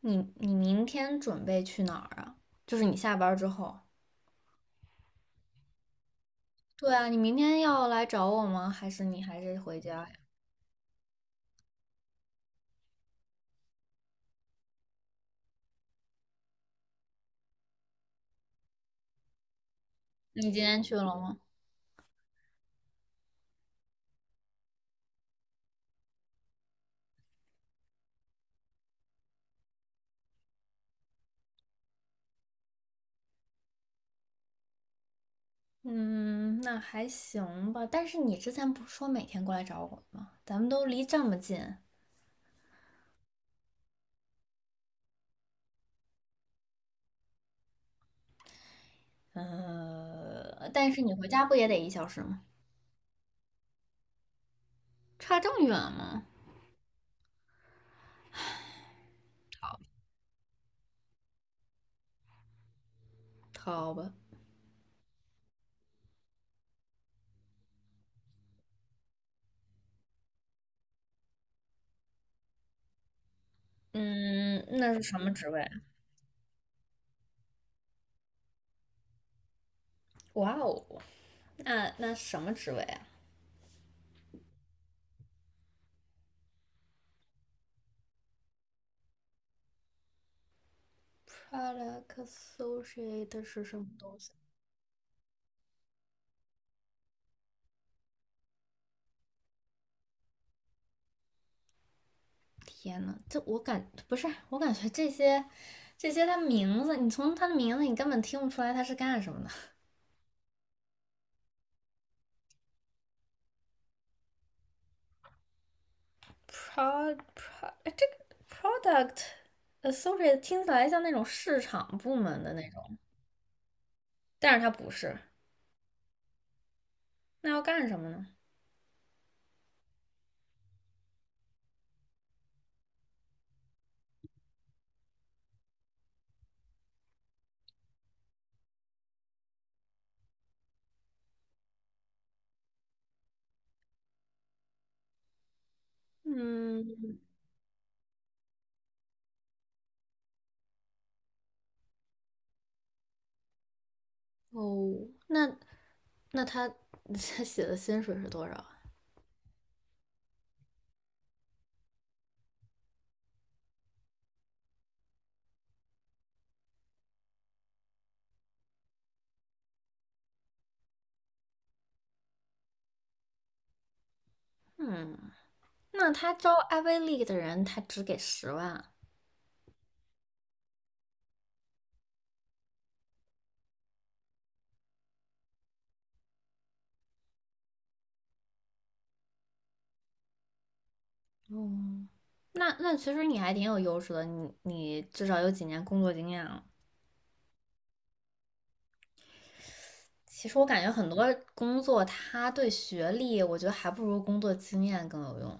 你明天准备去哪儿啊？就是你下班儿之后。对啊，你明天要来找我吗？还是你还是回家呀？你今天去了吗？嗯，那还行吧。但是你之前不是说每天过来找我吗？咱们都离这么近，但是你回家不也得1小时吗？差这么远吗？好吧。嗯，那是什么职位啊？哇哦，那什么职位啊？Product Associate 是什么东西？天呐，这我感不是，我感觉这些他名字，你从他的名字你根本听不出来他是干什么的。哎这个 product associate 听起来像那种市场部门的那种，但是他不是，那要干什么呢？嗯，哦，那那他写的薪水是多少啊？嗯，那他招 Ivy League 的人，他只给10万。哦，那其实你还挺有优势的，你至少有几年工作经验了。其实我感觉很多工作，他对学历，我觉得还不如工作经验更有用。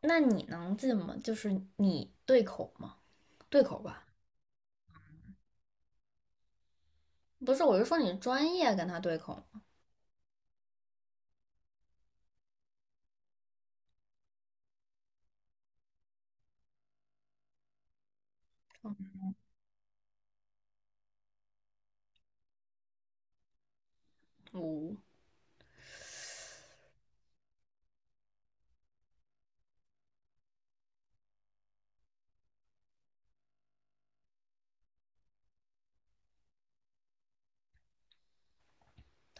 那你能进吗？就是你对口吗？对口吧？不是，我是说你专业跟他对口吗？哦，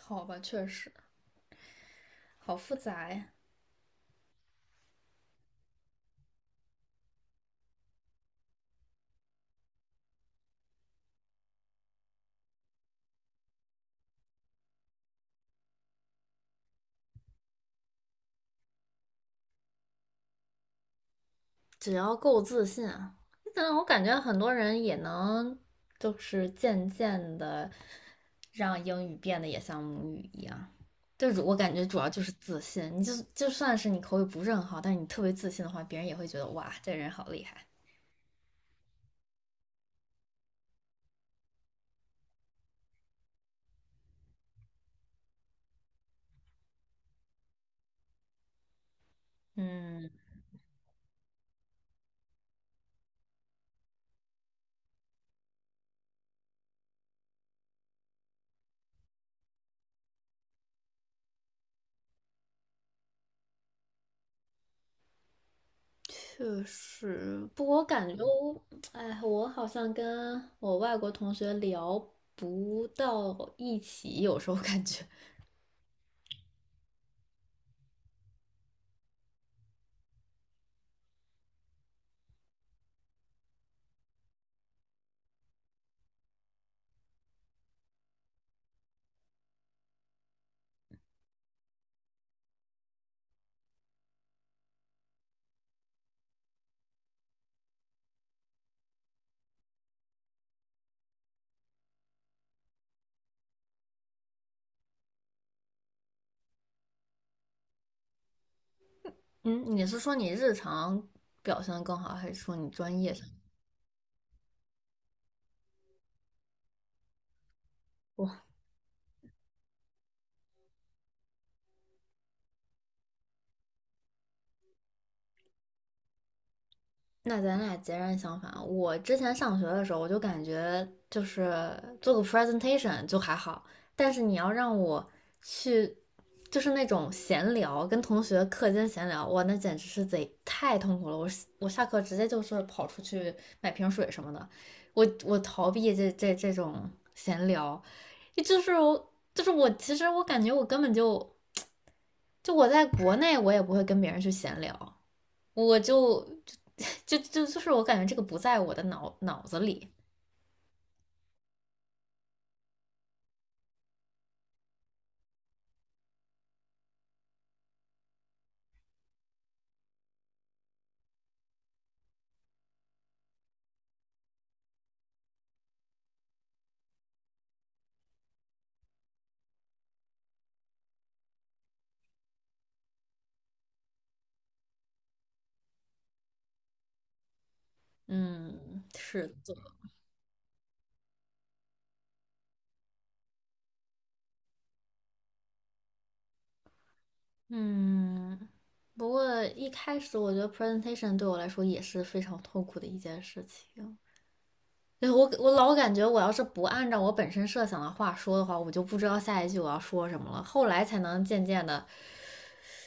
好吧，确实好复杂呀。只要够自信啊，但我感觉很多人也能，就是渐渐的。让英语变得也像母语一样。对，我感觉主要就是自信。你就算是你口语不是很好，但是你特别自信的话，别人也会觉得哇，这人好厉害。嗯，确实，不过我感觉我，哎，我好像跟我外国同学聊不到一起，有时候感觉嗯，你是说你日常表现的更好，还是说你专业上？那咱俩截然相反。我之前上学的时候，我就感觉就是做个 presentation 就还好，但是你要让我去，就是那种闲聊，跟同学课间闲聊，哇，那简直是贼太痛苦了。我下课直接就是跑出去买瓶水什么的，我逃避这种闲聊，就是我就是我，其实我感觉我根本就我在国内我也不会跟别人去闲聊，我就。就是我感觉这个不在我的脑子里。嗯，是的，嗯。不过一开始我觉得 presentation 对我来说也是非常痛苦的一件事情。对，我老感觉我要是不按照我本身设想的话说的话，我就不知道下一句我要说什么了。后来才能渐渐的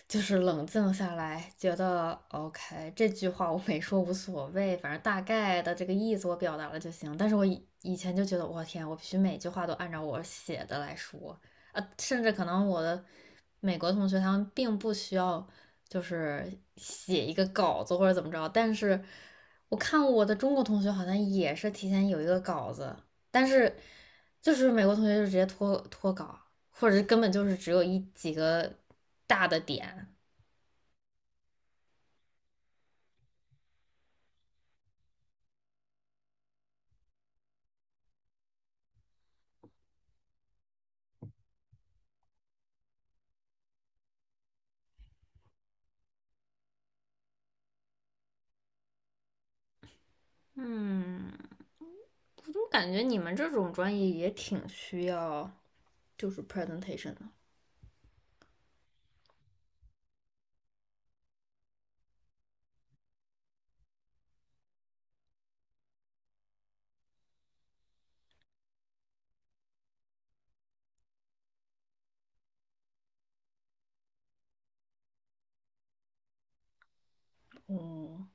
就是冷静下来，觉得 OK，这句话我没说无所谓，反正大概的这个意思我表达了就行。但是我以前就觉得，我天，我必须每句话都按照我写的来说，甚至可能我的美国同学他们并不需要就是写一个稿子或者怎么着，但是我看我的中国同学好像也是提前有一个稿子，但是就是美国同学就直接脱稿，或者根本就是只有几个大的点。嗯，我怎么感觉你们这种专业也挺需要就是 presentation 的。哦，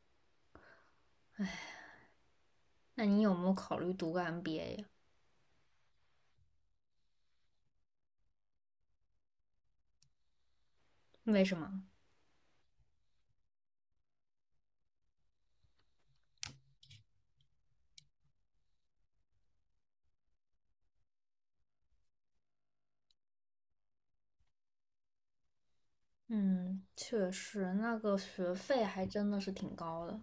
那你有没有考虑读个 MBA 呀？为什么？嗯，确实，那个学费还真的是挺高的。